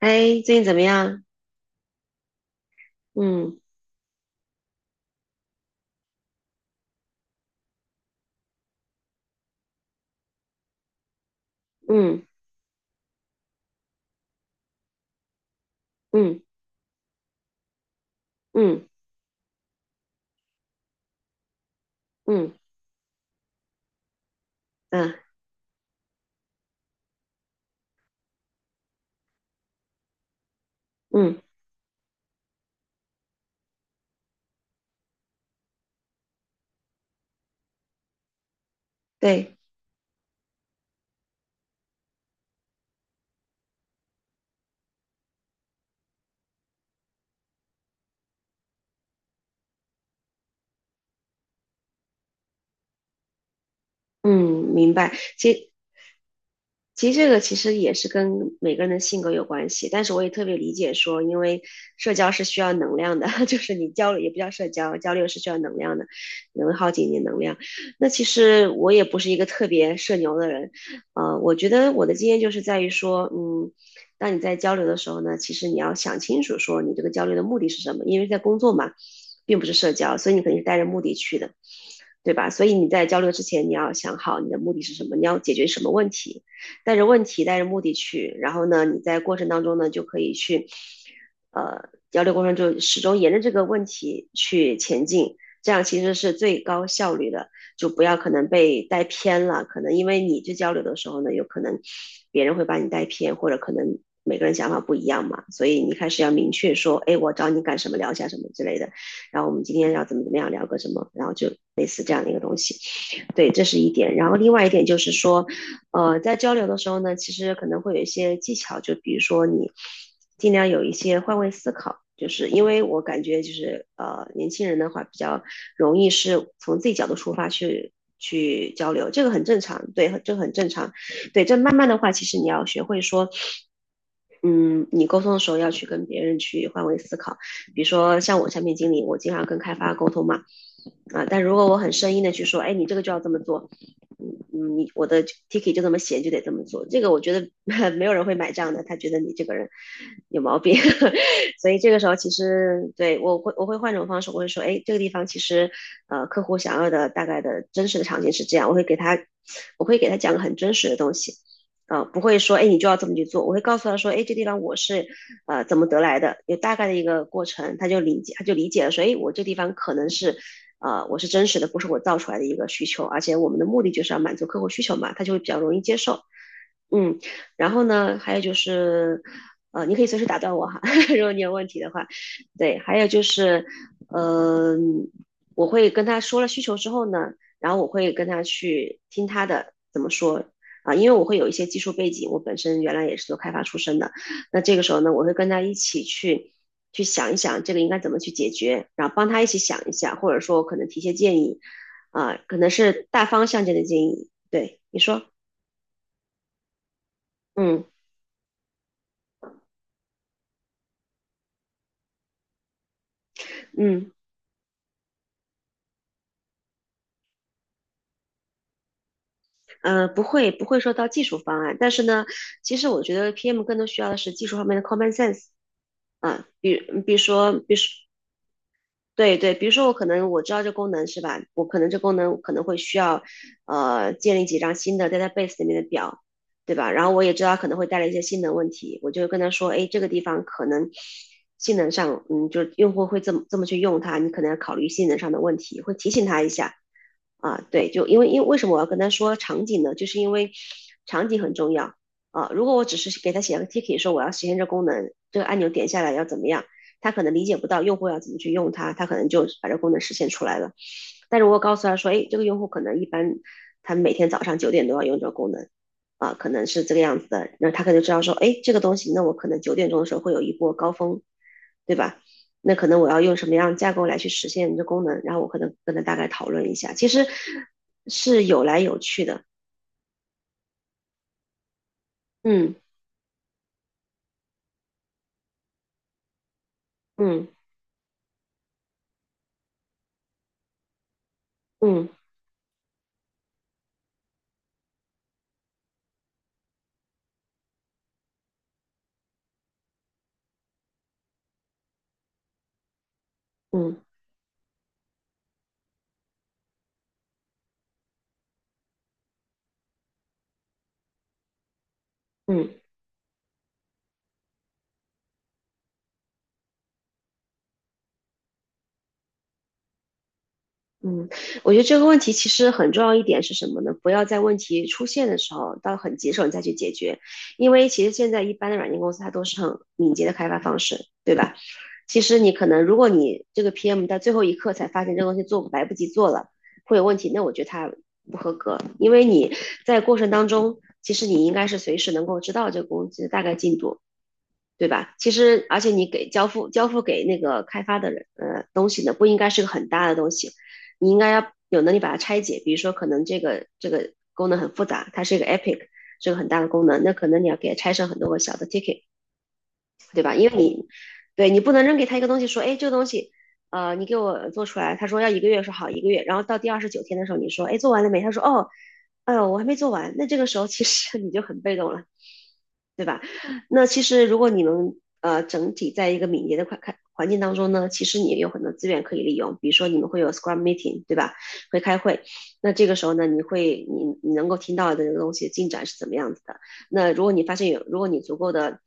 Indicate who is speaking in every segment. Speaker 1: 哎，最近怎么样？嗯嗯嗯嗯嗯嗯嗯，对，嗯，明白。其实其实这个其实也是跟每个人的性格有关系，但是我也特别理解说，因为社交是需要能量的，就是你交流也不叫社交，交流是需要能量的，能耗尽你的能量。那其实我也不是一个特别社牛的人，我觉得我的经验就是在于说，当你在交流的时候呢，其实你要想清楚说你这个交流的目的是什么，因为在工作嘛，并不是社交，所以你肯定是带着目的去的。对吧？所以你在交流之前，你要想好你的目的是什么，你要解决什么问题，带着问题，带着目的去。然后呢，你在过程当中呢，就可以去，交流过程中始终沿着这个问题去前进，这样其实是最高效率的。就不要可能被带偏了，可能因为你去交流的时候呢，有可能别人会把你带偏，或者可能每个人想法不一样嘛，所以你开始要明确说，哎，我找你干什么，聊一下什么之类的。然后我们今天要怎么怎么样聊个什么，然后就类似这样的一个东西。对，这是一点。然后另外一点就是说，在交流的时候呢，其实可能会有一些技巧，就比如说你尽量有一些换位思考，就是因为我感觉就是年轻人的话比较容易是从自己角度出发去。去交流，这个很正常，对，这个很正常，对，这慢慢的话，其实你要学会说，嗯，你沟通的时候要去跟别人去换位思考。比如说像我产品经理，我经常跟开发沟通嘛，啊，但如果我很生硬的去说，哎，你这个就要这么做，你我的 ticket 就这么写，就得这么做，这个我觉得 没有人会买账的，他觉得你这个人有毛病，所以这个时候其实对我会换种方式，我会说，哎，这个地方其实客户想要的大概的真实的场景是这样，我会给他讲个很真实的东西。不会说，哎，你就要这么去做。我会告诉他说，哎，这地方我是，怎么得来的，有大概的一个过程，他就理解，他就理解了，说，哎，我这地方可能是，我是真实的，不是我造出来的一个需求，而且我们的目的就是要满足客户需求嘛，他就会比较容易接受。嗯，然后呢，还有就是，你可以随时打断我哈，如果你有问题的话，对，还有就是，嗯，我会跟他说了需求之后呢，然后我会跟他去听他的怎么说啊，因为我会有一些技术背景，我本身原来也是做开发出身的，那这个时候呢，我会跟他一起去去想一想这个应该怎么去解决，然后帮他一起想一下，或者说我可能提些建议，啊，可能是大方向性的建议，对，你说，嗯嗯。不会不会说到技术方案，但是呢，其实我觉得 PM 更多需要的是技术方面的 common sense。嗯，比比如说，对对，比如说我可能我知道这功能是吧？我可能这功能我可能会需要，建立几张新的 database 里面的表，对吧？然后我也知道它可能会带来一些性能问题，我就跟他说，哎，这个地方可能性能上，嗯，就是用户会这么这么去用它，你可能要考虑性能上的问题，会提醒他一下。啊，对，就因为为什么我要跟他说场景呢？就是因为场景很重要啊。如果我只是给他写了个 ticket 说我要实现这功能，这个按钮点下来要怎么样？他可能理解不到用户要怎么去用它，他可能就把这功能实现出来了。但如果告诉他说，哎，这个用户可能一般他每天早上九点都要用这个功能，可能是这个样子的，那他可能知道说，哎，这个东西，那我可能九点钟的时候会有一波高峰，对吧？那可能我要用什么样的架构来去实现这功能，然后我可能跟他大概讨论一下，其实是有来有去的，嗯嗯嗯嗯嗯，嗯，我觉得这个问题其实很重要一点是什么呢？不要在问题出现的时候，到很棘手你再去解决，因为其实现在一般的软件公司它都是很敏捷的开发方式，对吧？其实你可能，如果你这个 PM 到最后一刻才发现这个东西做来不及做了，会有问题，那我觉得它不合格，因为你在过程当中，其实你应该是随时能够知道这个工具的大概进度，对吧？其实，而且你给交付给那个开发的人，东西呢不应该是个很大的东西，你应该要有能力把它拆解，比如说可能这个功能很复杂，它是一个 Epic。是个很大的功能，那可能你要给它拆成很多个小的 ticket，因为你对你不能扔给他一个东西，说，哎，这个东西，你给我做出来，他说要一个月，说好一个月，然后到第二十九天的时候，你说，哎，做完了没？他说，哦，哎呦，我还没做完。那这个时候其实 你就很被动了，对吧？那其实如果你能整体在一个敏捷的环境当中呢，其实你也有很多资源可以利用，比如说你们会有 Scrum meeting，对吧？会开会，那这个时候呢，你会你你能够听到的这个东西进展是怎么样子的？那如果你发现有，如果你足够的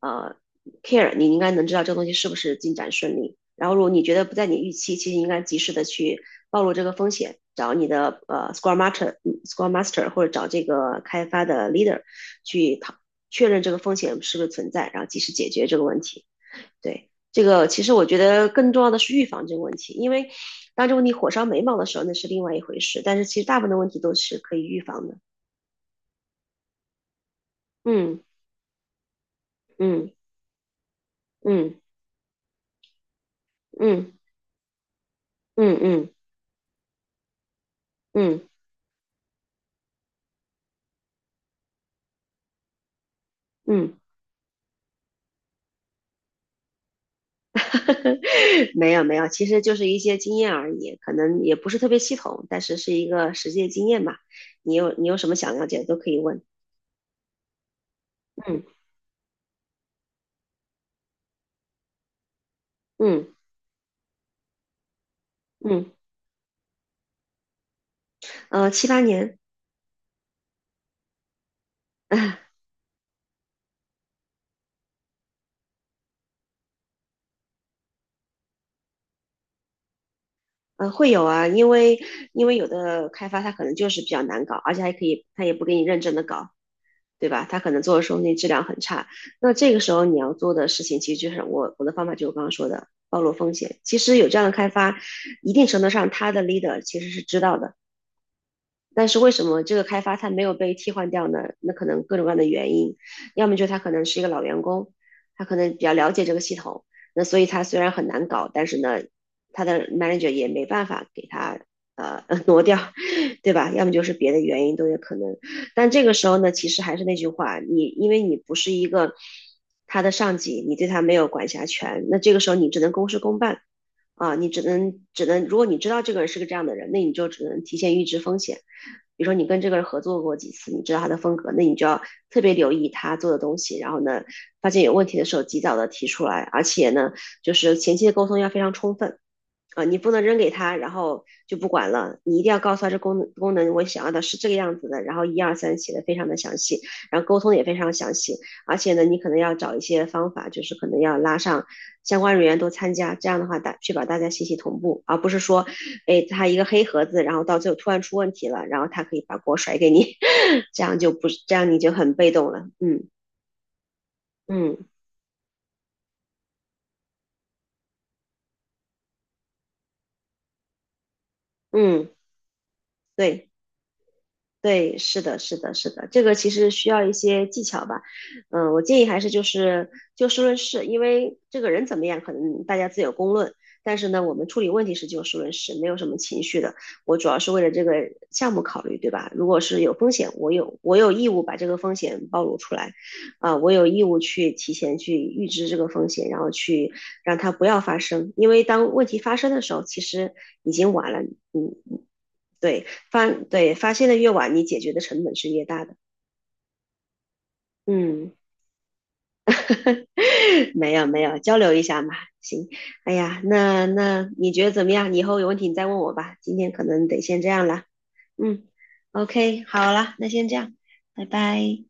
Speaker 1: 呃 care，你应该能知道这个东西是不是进展顺利。然后如果你觉得不在你预期，其实应该及时的去暴露这个风险，找你的Scrum Master 或者找这个开发的 leader 去确认这个风险是不是存在，然后及时解决这个问题。对，这个其实我觉得更重要的是预防这个问题，因为当这个问题火烧眉毛的时候，那是另外一回事。但是其实大部分的问题都是可以预防的。嗯嗯嗯嗯嗯嗯嗯嗯。嗯嗯嗯嗯 没有没有，其实就是一些经验而已，可能也不是特别系统，但是是一个实际的经验吧。你有什么想了解的都可以问。嗯嗯嗯，7、8年。啊会有啊。因为有的开发它可能就是比较难搞，而且还可以，它也不给你认真的搞，对吧？它可能做的时候那质量很差。那这个时候你要做的事情，其实就是我的方法就是我刚刚说的暴露风险。其实有这样的开发，一定程度上他的 leader 其实是知道的。但是为什么这个开发它没有被替换掉呢？那可能各种各样的原因，要么就是他可能是一个老员工，他可能比较了解这个系统，那所以他虽然很难搞，但是呢，他的 manager 也没办法给他挪掉，对吧？要么就是别的原因都有可能。但这个时候呢，其实还是那句话，你因为你不是一个他的上级，你对他没有管辖权，那这个时候你只能公事公办。啊，你只能，如果你知道这个人是个这样的人，那你就只能提前预知风险。比如说你跟这个人合作过几次，你知道他的风格，那你就要特别留意他做的东西，然后呢，发现有问题的时候及早的提出来，而且呢，就是前期的沟通要非常充分。啊、你不能扔给他，然后就不管了。你一定要告诉他这功能我想要的是这个样子的，然后1、2、3写的非常的详细，然后沟通也非常详细。而且呢，你可能要找一些方法，就是可能要拉上相关人员都参加，这样的话确保大家信息同步，而不是说，哎，他一个黑盒子，然后到最后突然出问题了，然后他可以把锅甩给你，这样就不这样你就很被动了。嗯嗯嗯，对。对，是的，是的，是的，这个其实需要一些技巧吧。嗯，我建议还是就是就事论事，因为这个人怎么样，可能大家自有公论。但是呢，我们处理问题是就事论事，没有什么情绪的。我主要是为了这个项目考虑，对吧？如果是有风险，我有义务把这个风险暴露出来，啊、我有义务去提前去预知这个风险，然后去让它不要发生。因为当问题发生的时候，其实已经晚了。嗯，对，发现的越晚，你解决的成本是越大的。嗯，没有没有，交流一下嘛。行，哎呀，那你觉得怎么样？你以后有问题你再问我吧。今天可能得先这样了。嗯，OK，好了，那先这样，拜拜。